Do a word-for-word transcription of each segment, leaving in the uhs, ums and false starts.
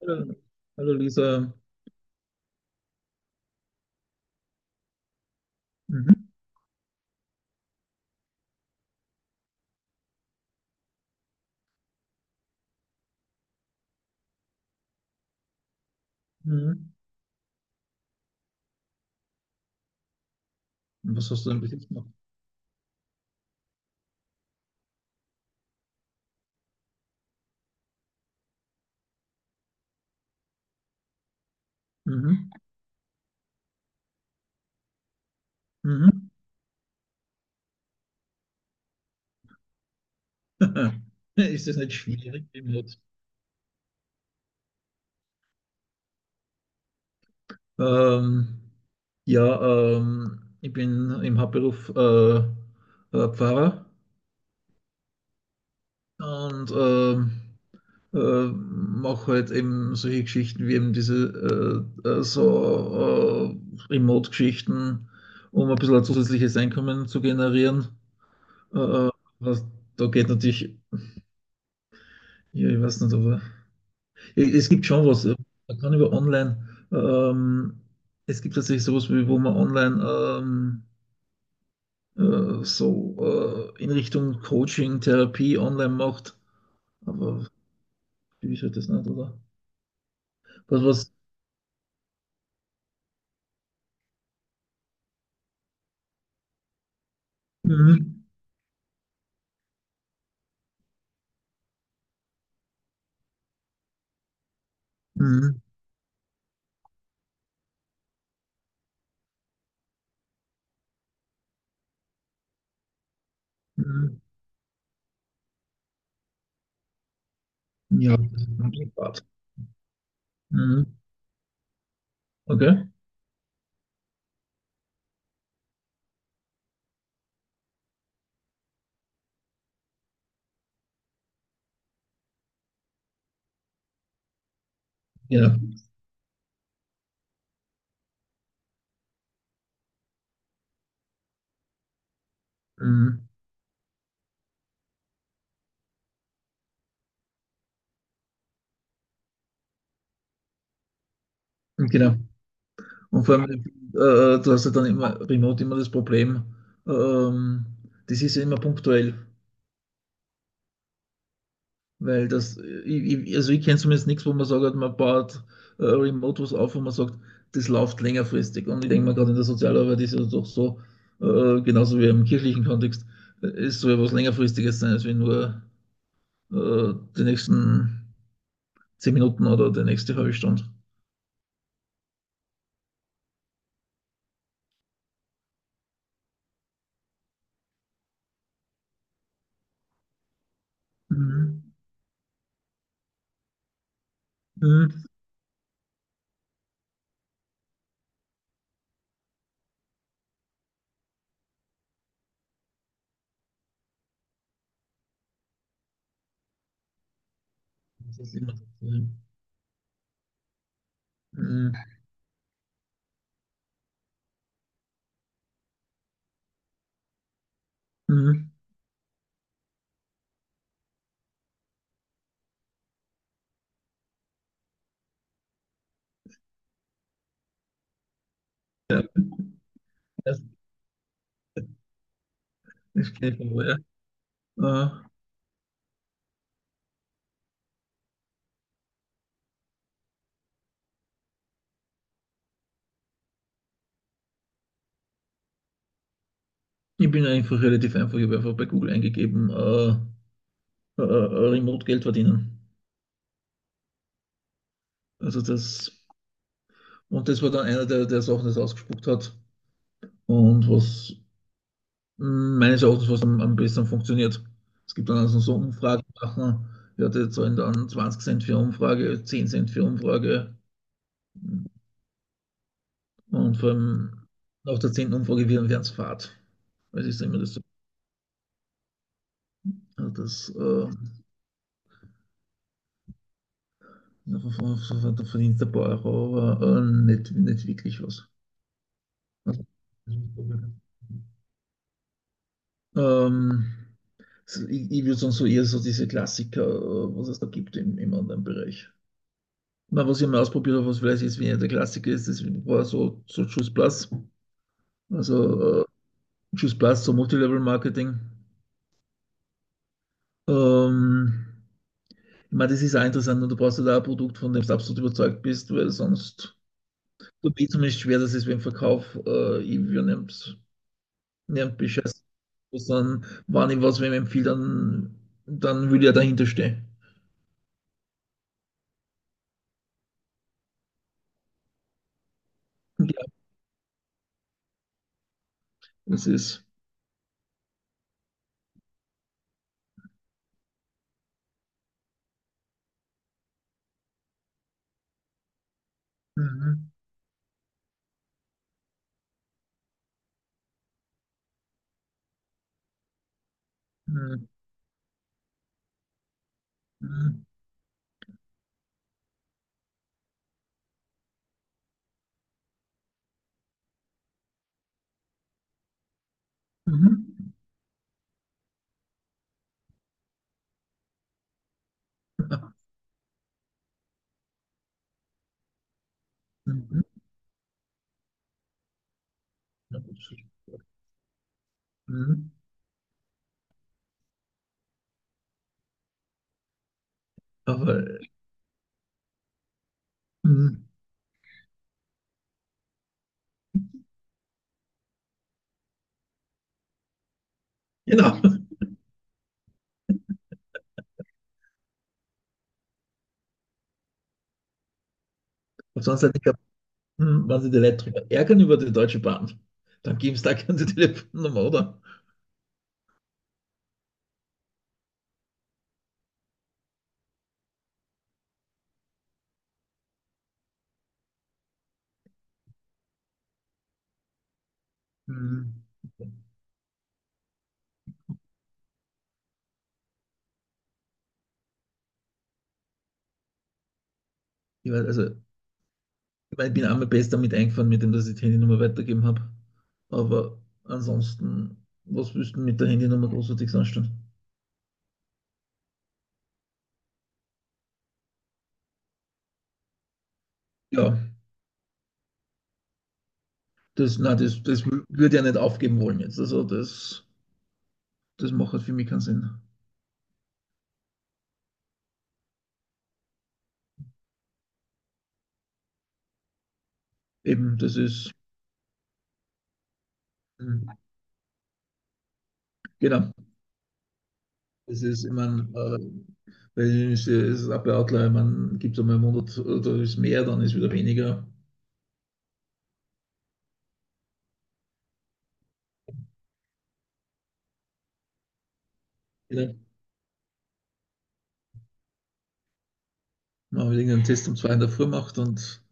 Hallo, hallo Lisa. Mhm. Mhm. Und was hast du denn bis jetzt gemacht? Mhm. Mhm. Ist das nicht schwierig im Netz? Ähm, ja, ähm, ich bin im Hauptberuf äh, äh, Pfarrer und ähm, äh, mache halt eben solche Geschichten wie eben diese äh, äh, so äh, Remote-Geschichten, um ein bisschen ein zusätzliches Einkommen zu generieren. Äh, äh, was, Da geht natürlich, ja, ich weiß nicht, aber. Es gibt schon was. äh, Man kann über online, ähm, es gibt tatsächlich sowas, wie, wo man online ähm, äh, so äh, in Richtung Coaching, Therapie online macht. Aber wie ist halt das nicht, oder? Was, was? Mhm. Mhm. Mhm. Ja, das ist ein Part. Mhm. Okay, genau. Mhm. Genau. Und vor allem, äh, äh, du hast ja dann immer remote immer das Problem, ähm, das ist ja immer punktuell. Weil das, ich, ich, also ich kenne zumindest nichts, wo man sagt, man baut äh, Remote was auf, wo man sagt, das läuft längerfristig. Und ich denke mal, gerade in der Sozialarbeit ist es doch so, äh, genauso wie im kirchlichen Kontext, ist so etwas längerfristiges sein, als wenn nur äh, die nächsten zehn Minuten oder die nächste halbe Stunde. Mhm. Mhm. Das ist immer so. Mhm. Mhm. Ja, das, das kenn ich von woher. Äh, Ich bin einfach relativ einfach, ich habe einfach bei Google eingegeben, äh, äh, äh, Remote Geld verdienen. Also das, und das war dann einer, der, der Sachen das ausgespuckt hat und was meines Erachtens was am, am besten funktioniert. Es gibt dann also so Umfragen machen, ja, die zahlen dann zwanzig Cent für Umfrage, zehn Cent für Umfrage und vor allem nach der zehnten Umfrage werden es fad. Weil es ist immer das, also das äh, da verdient ein paar Euro, aber äh, nicht, nicht wirklich was. Also, Ähm, so, ich ich würde sagen, so eher so diese Klassiker, äh, was es da gibt im, im Online-Bereich. Na, was ich mal ausprobiert habe, was vielleicht jetzt weniger der Klassiker ist, das war so, so Juice Plus. Also äh, Juice Plus, so Multilevel-Marketing. Ähm, ich meine, das ist auch interessant und du brauchst halt auch ein Produkt, von dem du absolut überzeugt bist, weil sonst tut mir zumindest schwer, dass es beim Verkauf, äh, ich nehmt, nehmt Bescheid, sondern wenn ich was wem empfehle, dann, dann will ich ja dahinter stehen. Ja, das ist. Mhm. Mhm. Mhm. Mhm. Ja. Mhm. Mhm. Aber mhm. Genau. Und sonst hätte ich gehabt, hm, wenn Sie die Leute drüber ärgern über die Deutsche Bahn, dann geben Sie da keine Telefonnummer, oder? Mhm. Ich weiß, also, ich meine, ich bin einmal besser damit eingefahren, mit dem, dass ich die Handynummer weitergegeben habe. Aber ansonsten, was wüssten mit der Handynummer großartig anstellen? Ja, das, nein, das, das wü- würde ich ja nicht aufgeben wollen jetzt. Also das, das macht halt für mich keinen Sinn. Eben, das ist. hm, Genau. Es ist, immer, äh, weil es ist ein Man gibt es einmal einen Monat, äh, da ist mehr, dann ist wieder weniger. Ja. Man hat irgendeinen Test um zwei in der Früh gemacht und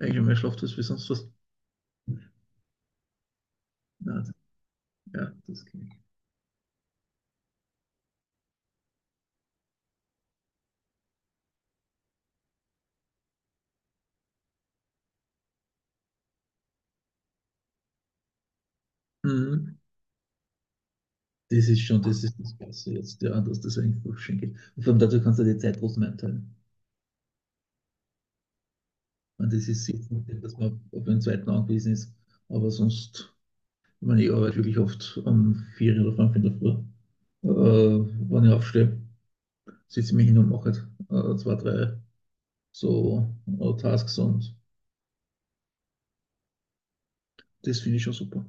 eigentlich mehr schlaft als wie sonst was. Nein, ja, das kann ich. Mhm. Das ist schon, das ist das Beste jetzt, ja, dass das einfach schön geht. Und vor allem dazu kannst du die Zeit trotzdem einteilen. Ich meine, das ist jetzt nicht, dass man auf den zweiten angewiesen ist, aber sonst, ich meine, ich arbeite wirklich oft um vier oder fünf in der Früh, äh, wenn ich aufstehe. Sitze ich mich hin und mache halt, äh, zwei, drei so äh, Tasks und das finde ich schon super.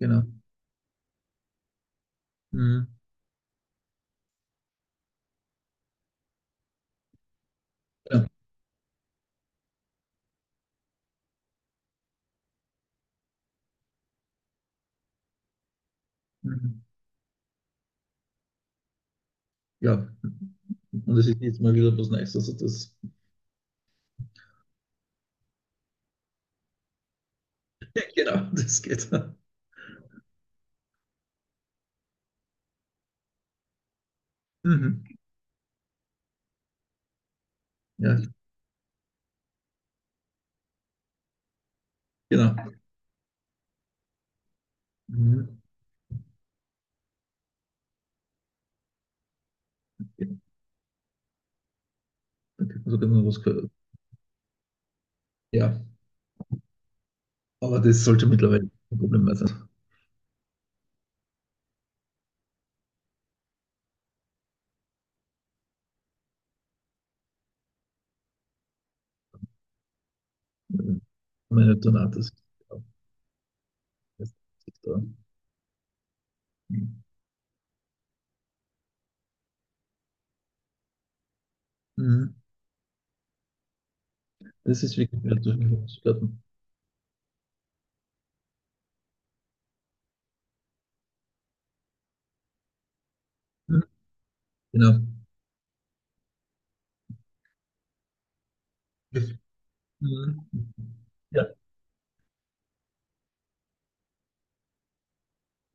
Genau. Mhm. Ja. Mhm. Ja. Und das ist jetzt mal wieder was Neues. Also das, genau, das geht. Mhm. Ja, genau. Mhm. Ja, dann kriegt man sogar noch was gehört. Ja, aber das sollte mittlerweile kein Problem mehr sein. Äh, Meine Donate ist ja, das ist da. Mhm. Das ist wirklich wert, durch mich zu platten. Genau. Mhm. Ja.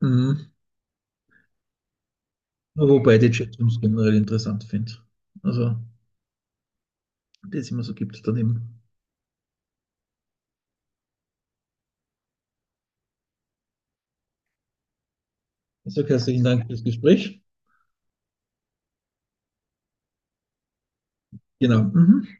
Mhm. Wobei ich die Chatrooms generell interessant finde. Also, die es immer so gibt daneben. Ich sage herzlichen Dank fürs Gespräch. Genau. Mhm.